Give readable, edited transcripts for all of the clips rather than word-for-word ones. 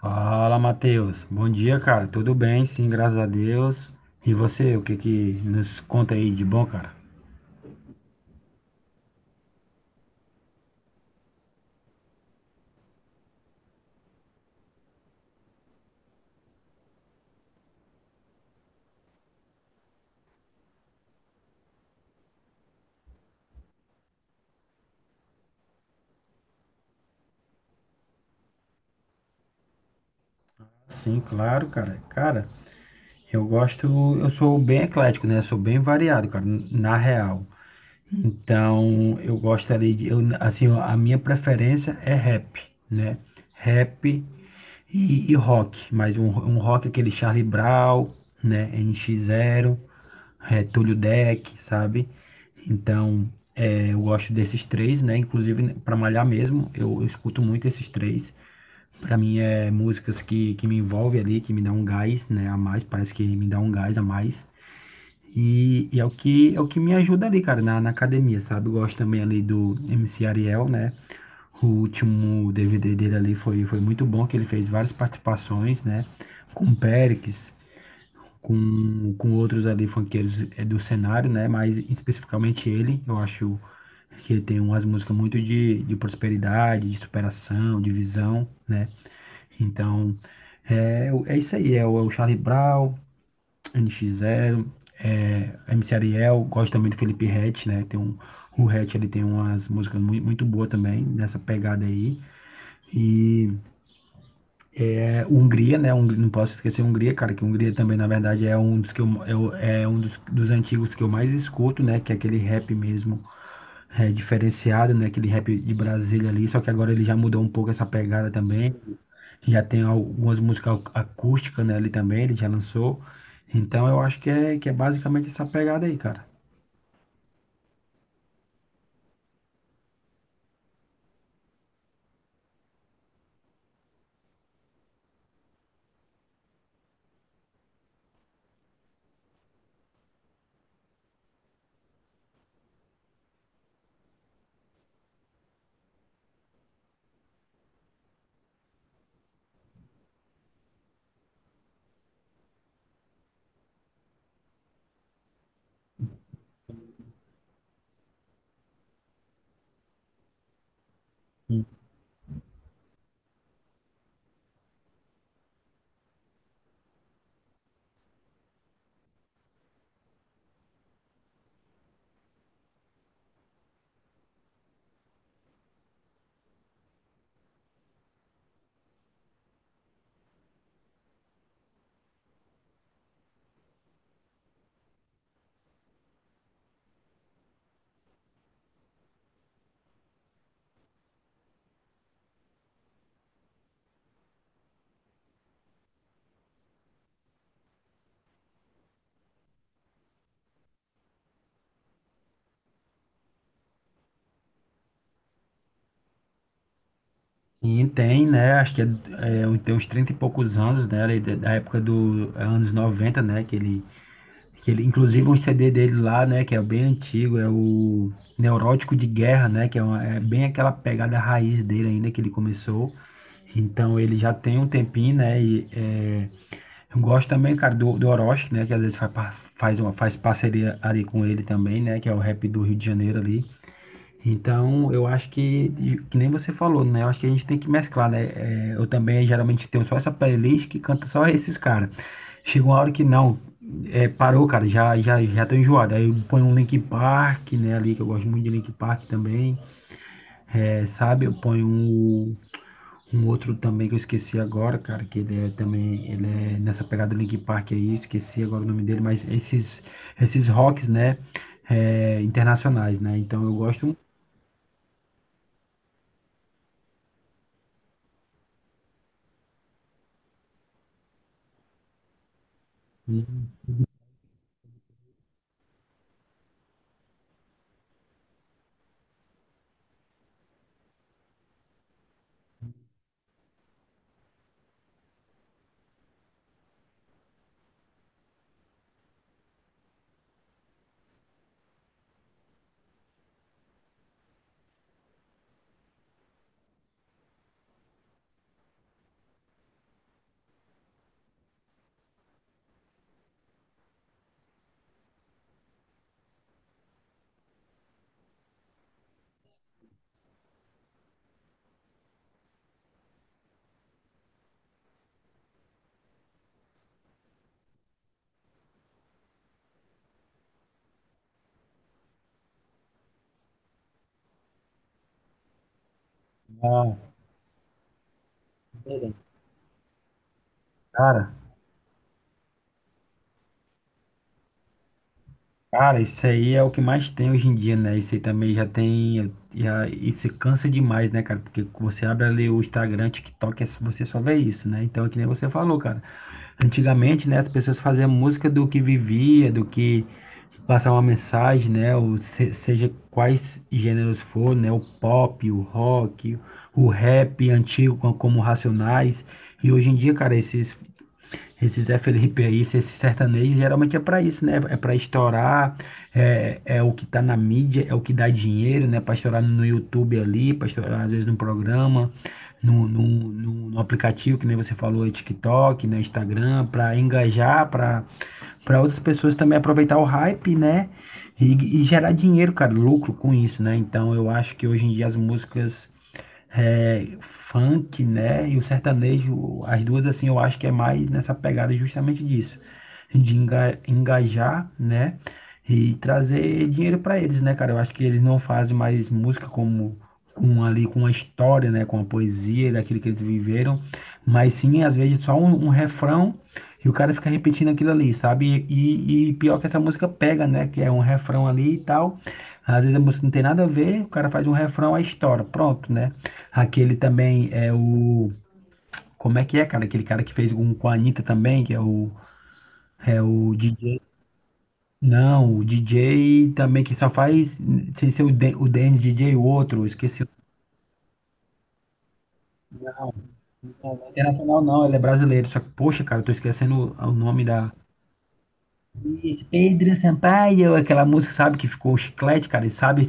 Fala, Matheus. Bom dia, cara. Tudo bem? Sim, graças a Deus. E você, o que que nos conta aí de bom, cara? Sim, claro, cara. Cara, eu gosto, eu sou bem eclético, né? Sou bem variado, cara, na real. Então, eu gosto ali de assim, ó, a minha preferência é rap, né? Rap. E rock, mas um rock, aquele Charlie Brown, né? NX0, Túlio Deck, sabe? Então, eu gosto desses três, né? Inclusive, para malhar mesmo, eu escuto muito esses três. Para mim, é músicas que me envolvem ali, que me dá um gás, né? A mais, parece que me dá um gás a mais. E é o que, me ajuda ali, cara, na academia, sabe? Eu gosto também ali do MC Ariel, né? O último DVD dele ali foi, foi muito bom, que ele fez várias participações, né? Com o Péricles, com outros ali funkeiros, do cenário, né? Mas especificamente ele, eu acho que ele tem umas músicas muito de prosperidade, de superação, de visão, né? Então, é isso aí, é o Charlie Brown, nx Zero, MC Ariel. Gosto também do Felipe Ret, né? O Ret, ele tem umas músicas muito, muito boas também, nessa pegada aí. E Hungria, né? Não posso esquecer Hungria, cara, que Hungria também, na verdade, é um dos que é um dos antigos que eu mais escuto, né? Que é aquele rap mesmo, diferenciado, né? Aquele rap de Brasília ali, só que agora ele já mudou um pouco essa pegada também. Já tem algumas músicas acústicas, né? Ali também, ele já lançou. Então eu acho que é basicamente essa pegada aí, cara. E tem, né? Acho tem uns 30 e poucos anos, né? Ali da época dos anos 90, né? Que ele, inclusive um CD dele lá, né, que é bem antigo, é o Neurótico de Guerra, né, é bem aquela pegada raiz dele ainda que ele começou. Então ele já tem um tempinho, né, e eu gosto também, cara, do Orochi, né, que às vezes faz parceria ali com ele também, né, que é o rap do Rio de Janeiro ali. Então, eu acho que nem você falou, né? Eu acho que a gente tem que mesclar, né? É, eu também geralmente tenho só essa playlist que canta só esses caras. Chega uma hora que não, parou, cara, já tô enjoado. Aí eu ponho um Linkin Park, né, ali, que eu gosto muito de Linkin Park também, sabe? Eu ponho um outro também que eu esqueci agora, cara, que ele é também, ele é nessa pegada do Linkin Park aí, esqueci agora o nome dele, mas esses rocks, né, internacionais, né? Então eu gosto. um, um, Verdade. Cara, cara, isso aí é o que mais tem hoje em dia, né? Isso aí também já tem, isso cansa demais, né, cara? Porque você abre ali o Instagram, TikTok, é você só vê isso, né? Então é que nem você falou, cara. Antigamente, né, as pessoas faziam música do que vivia, do que passar uma mensagem, né? Ou seja quais gêneros for, né? O pop, o rock, o rap antigo, como Racionais. E hoje em dia, cara, esse Zé Felipe aí, esse sertanejo, geralmente é para isso, né? É para estourar, é o que tá na mídia, é o que dá dinheiro, né? Para estourar no YouTube ali, para estourar às vezes num programa, no, no, no aplicativo, que nem você falou, TikTok, né? Instagram, para engajar, para outras pessoas também aproveitar o hype, né? E gerar dinheiro, cara, lucro com isso, né? Então eu acho que hoje em dia as músicas, funk, né? E o sertanejo, as duas, assim, eu acho que é mais nessa pegada, justamente disso, de engajar, né? E trazer dinheiro para eles, né, cara? Eu acho que eles não fazem mais música como com ali com a história, né, com a poesia daquilo que eles viveram, mas sim às vezes só um refrão e o cara fica repetindo aquilo ali, sabe? E pior que essa música pega, né? Que é um refrão ali e tal. Às vezes a música não tem nada a ver, o cara faz um refrão, a história, pronto, né? Aquele também é o. Como é que é, cara? Aquele cara que fez um com a Anitta também, que é o. É o DJ. Não, o DJ também que só faz. Sem ser o, D, o DN DJ, o outro, esqueci. Não, não é internacional não, ele é brasileiro. Só que, poxa, cara, eu tô esquecendo o nome da. Esse Pedro Sampaio, aquela música, sabe, que ficou chiclete, cara. Ele sabe.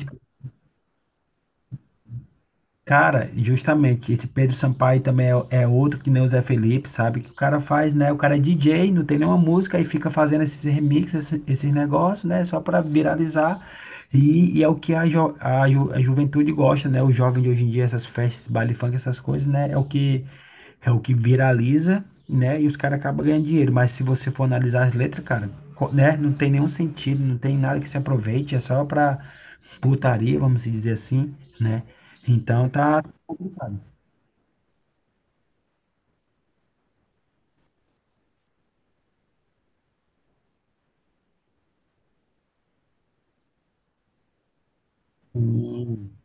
Cara, justamente, esse Pedro Sampaio também é, é outro que nem o Zé Felipe, sabe? Que o cara faz, né? O cara é DJ, não tem nenhuma música e fica fazendo esses remixes, esses negócios, né? Só para viralizar. E é o que a, a juventude gosta, né? O jovem de hoje em dia, essas festas, baile funk, essas coisas, né? é o que, viraliza, né? E os caras acabam ganhando dinheiro. Mas se você for analisar as letras, cara, né? Não tem nenhum sentido, não tem nada que se aproveite, é só pra putaria, vamos dizer assim, né? Então tá complicado. Sim,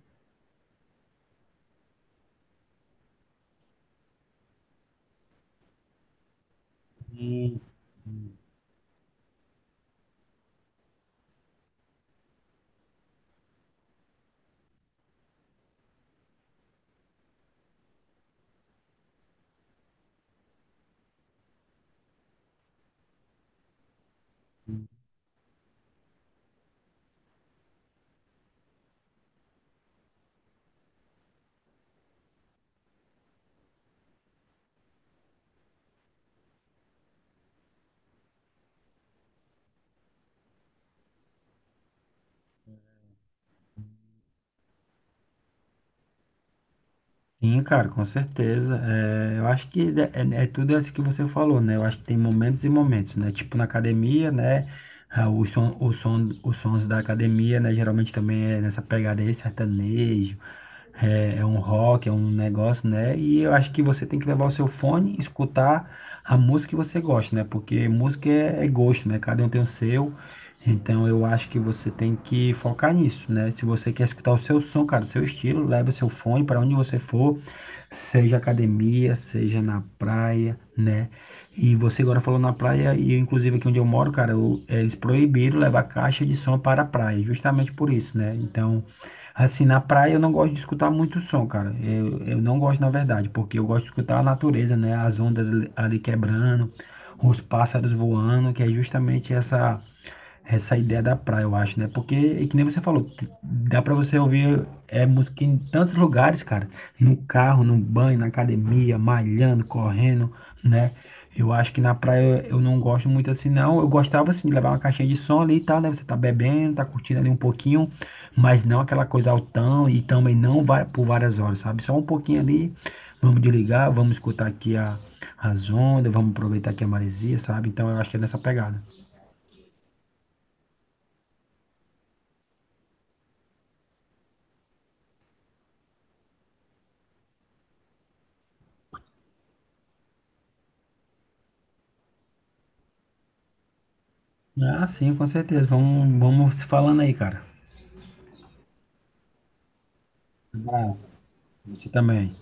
sim, cara, com certeza. É, eu acho que é tudo isso que você falou, né? Eu acho que tem momentos e momentos, né? Tipo na academia, né? Ah, os sons da academia, né? Geralmente também é nessa pegada aí, sertanejo. É um rock, é um negócio, né? E eu acho que você tem que levar o seu fone, escutar a música que você gosta, né? Porque música é gosto, né? Cada um tem o seu. Então eu acho que você tem que focar nisso, né? Se você quer escutar o seu som, cara, o seu estilo, leva o seu fone para onde você for, seja academia, seja na praia, né? E você agora falou na praia, e eu, inclusive aqui onde eu moro, cara, eles proibiram levar caixa de som para a praia, justamente por isso, né? Então, assim, na praia eu não gosto de escutar muito som, cara. Eu não gosto, na verdade, porque eu gosto de escutar a natureza, né? As ondas ali quebrando, os pássaros voando, que é justamente essa ideia da praia, eu acho, né? Porque, é que nem você falou, dá pra você ouvir, música em tantos lugares, cara. No carro, no banho, na academia, malhando, correndo, né? Eu acho que na praia eu não gosto muito assim, não. Eu gostava, assim, de levar uma caixinha de som ali e tal, né? Você tá bebendo, tá curtindo ali um pouquinho, mas não aquela coisa altão e também não vai por várias horas, sabe? Só um pouquinho ali, vamos desligar, vamos escutar aqui a as ondas, vamos aproveitar aqui a maresia, sabe? Então eu acho que é nessa pegada. Ah, sim, com certeza. Vamos se falando aí, cara. Um abraço. Você também.